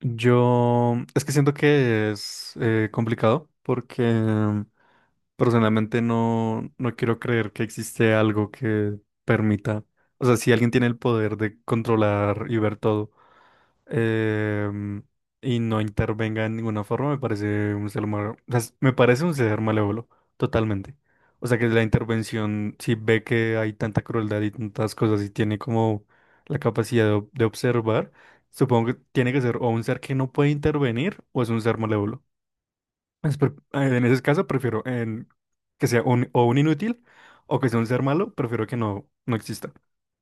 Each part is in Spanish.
Yo es que siento que es complicado porque personalmente no quiero creer que existe algo que permita, o sea, si alguien tiene el poder de controlar y ver todo em, y no intervenga en ninguna forma, me parece un ser malo, me parece un ser malévolo, totalmente. O sea, que la intervención, si ve que hay tanta crueldad y tantas cosas y tiene como la capacidad de observar. Supongo que tiene que ser o un ser que no puede intervenir o es un ser malévolo. En ese caso prefiero en que sea un, o un inútil o que sea un ser malo, prefiero que no exista.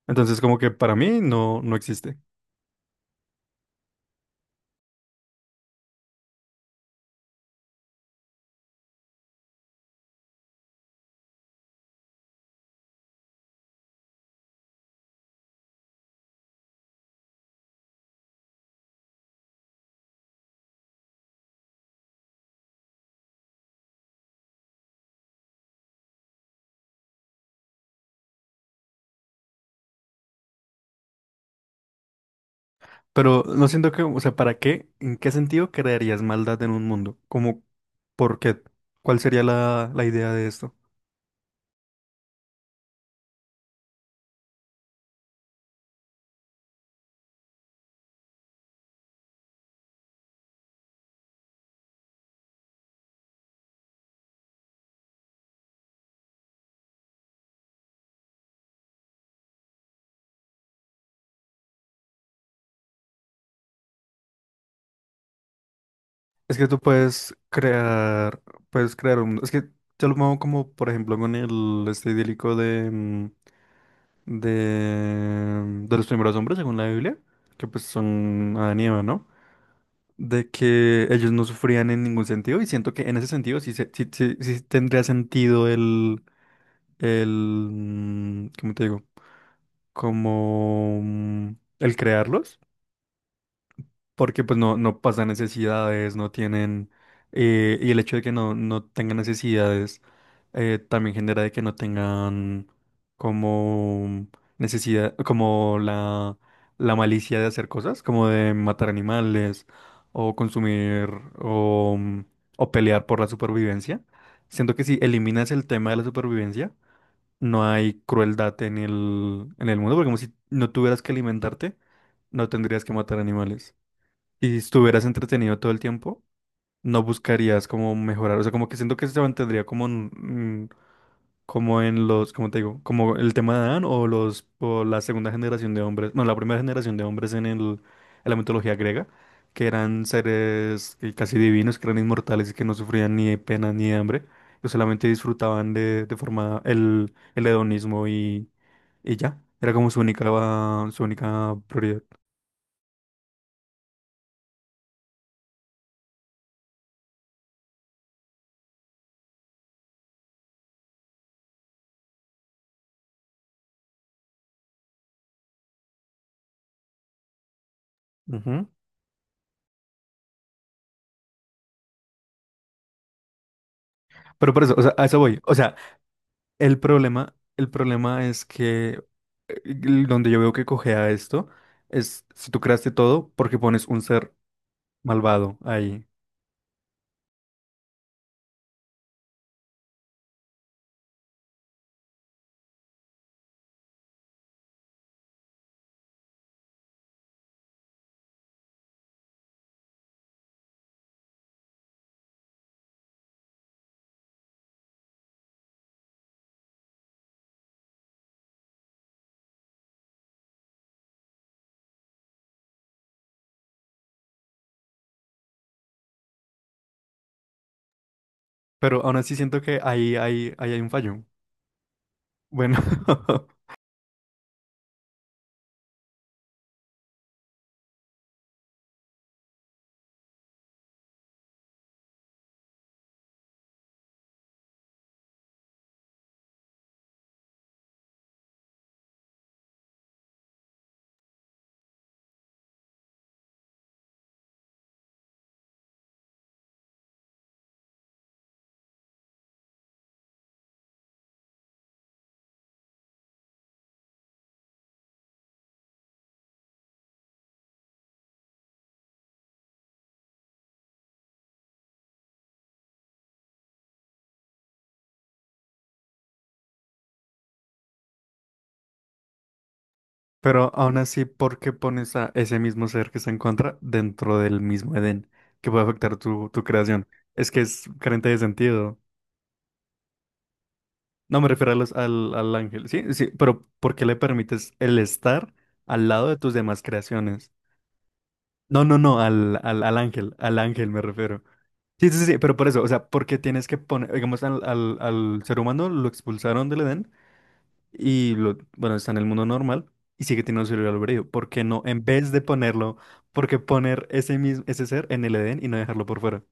Entonces como que para mí no existe. Pero no siento que, o sea, ¿para qué? ¿En qué sentido crearías maldad en un mundo? Como, ¿por qué? ¿Cuál sería la idea de esto? Es que tú puedes crear un mundo. Es que yo lo pongo como, por ejemplo, con el este idílico de... de los primeros hombres, según la Biblia, que pues son Adán y Eva, ¿no? De que ellos no sufrían en ningún sentido y siento que en ese sentido sí, sí tendría sentido el, ¿cómo te digo? Como mm, el crearlos. Porque pues no pasan necesidades, no tienen, y el hecho de que no tengan necesidades también genera de que no tengan como necesidad, como la malicia de hacer cosas, como de matar animales o consumir o, o pelear por la supervivencia. Siento que si eliminas el tema de la supervivencia, no hay crueldad en el mundo, porque como si no tuvieras que alimentarte, no tendrías que matar animales y si estuvieras entretenido todo el tiempo, no buscarías como mejorar. O sea, como que siento que se mantendría como en, mm, como en los, como te digo, como el tema de Adán o los o la segunda generación de hombres, bueno, la primera generación de hombres en el, en la mitología griega, que eran seres casi divinos, que eran inmortales y que no sufrían ni de pena ni hambre, que solamente disfrutaban de forma el hedonismo y ya. Era como su única prioridad. Ujú. Pero por eso, o sea, a eso voy. O sea, el problema, el problema es que donde yo veo que cojea esto es si tú creaste todo porque pones un ser malvado ahí. Pero aún así siento que ahí hay un fallo. Bueno, pero aún así, ¿por qué pones a ese mismo ser que se encuentra dentro del mismo Edén que puede afectar tu creación? Es que es carente de sentido. No me refiero a al ángel, sí, sí, pero ¿por qué le permites el estar al lado de tus demás creaciones? No, no, no, al ángel me refiero. Sí, sí, sí, pero por eso, o sea, porque tienes que poner, digamos, al ser humano lo expulsaron del Edén y lo, bueno, está en el mundo normal y sigue teniendo su libre albedrío. ¿Por qué no? En vez de ponerlo, ¿por qué poner ese mismo, ese ser en el Edén y no dejarlo por fuera?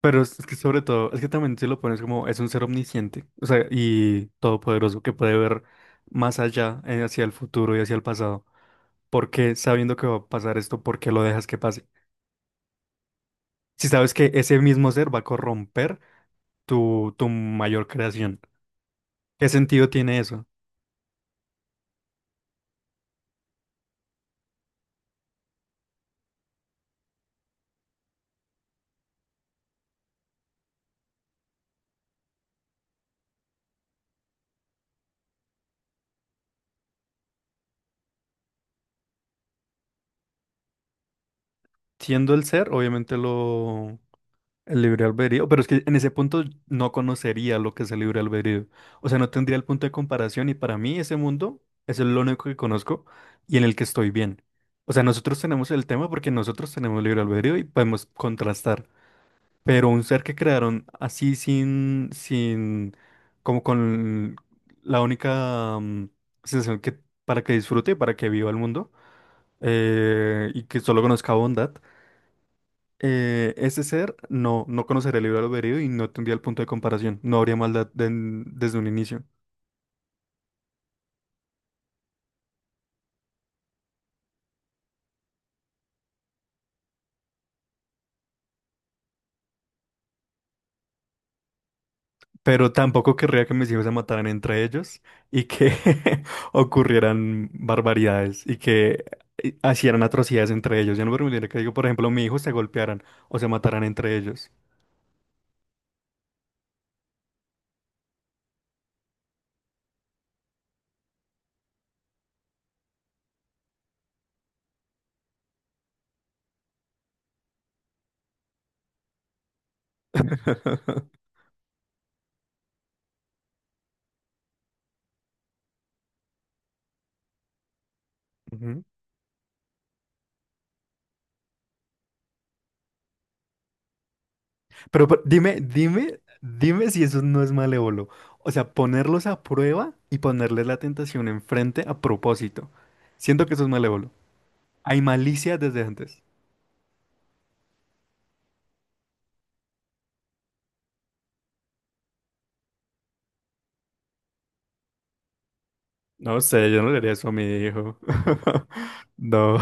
Pero es que sobre todo, es que también si lo pones como, es un ser omnisciente, o sea, y todopoderoso que puede ver más allá, hacia el futuro y hacia el pasado. ¿Por qué, sabiendo que va a pasar esto, por qué lo dejas que pase? Si sabes que ese mismo ser va a corromper tu mayor creación. ¿Qué sentido tiene eso? Siendo el ser, obviamente lo el libre albedrío, pero es que en ese punto no conocería lo que es el libre albedrío. O sea, no tendría el punto de comparación y para mí ese mundo es el único que conozco y en el que estoy bien. O sea, nosotros tenemos el tema porque nosotros tenemos libre albedrío y podemos contrastar. Pero un ser que crearon así sin, como con la única sensación que para que disfrute y para que viva el mundo y que solo conozca bondad, ese ser no conocería el libre albedrío y no tendría el punto de comparación, no habría desde un inicio. Pero tampoco querría que mis hijos se mataran entre ellos y que ocurrieran barbaridades y que hicieran atrocidades entre ellos. Yo no permitiría que, digo, por ejemplo, mi hijo se golpearan o se mataran entre ellos. Ujú. Pero, pero dime si eso no es malévolo. O sea, ponerlos a prueba y ponerles la tentación enfrente a propósito. Siento que eso es malévolo. Hay malicia desde antes. No sé, yo no le haría eso a mi hijo. No.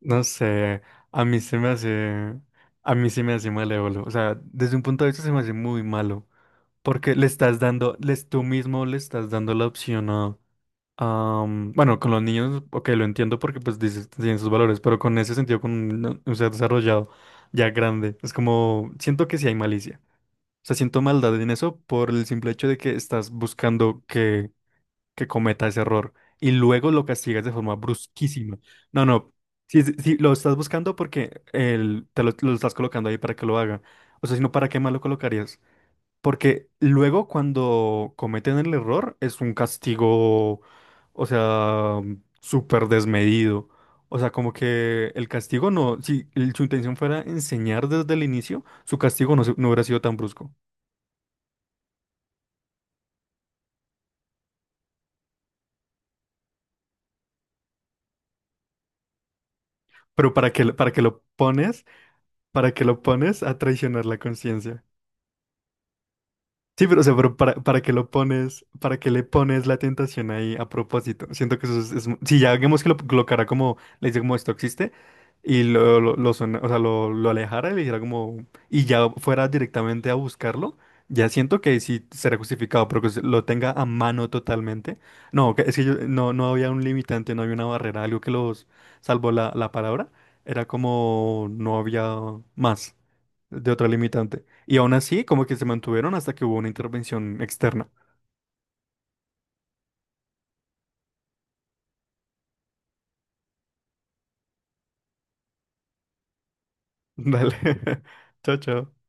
No sé, a mí se me hace, a mí se me hace malévolo. O sea, desde un punto de vista se me hace muy malo. Porque le estás dando, les, tú mismo le estás dando la opción a, bueno, con los niños, ok, lo entiendo porque pues dices, tienen sus valores, pero con ese sentido, con un ser desarrollado ya grande, es como, siento que sí hay malicia. O sea, siento maldad en eso por el simple hecho de que estás buscando que cometa ese error y luego lo castigas de forma brusquísima. No, no, si, si lo estás buscando porque el, te lo estás colocando ahí para que lo haga. O sea, si no, ¿para qué más lo colocarías? Porque luego cuando cometen el error es un castigo, o sea, súper desmedido. O sea, como que el castigo no, si el- su intención fuera enseñar desde el inicio, su castigo no, no hubiera sido tan brusco. Pero para que lo pones? ¿Para que lo pones a traicionar la conciencia? Sí, pero, o sea, pero para qué lo pones, para qué le pones la tentación ahí a propósito. Siento que eso es, si ya digamos que lo colocara como, le dice como esto existe, y o sea, lo alejara y le dijera como, y ya fuera directamente a buscarlo, ya siento que sí será justificado, pero que se lo tenga a mano totalmente. No, que- es que yo, no había un limitante, no había una barrera, algo que los salvó la palabra, era como no había más de otra limitante. Y aún así, como que se mantuvieron hasta que hubo una intervención externa. Dale. Chao, chao.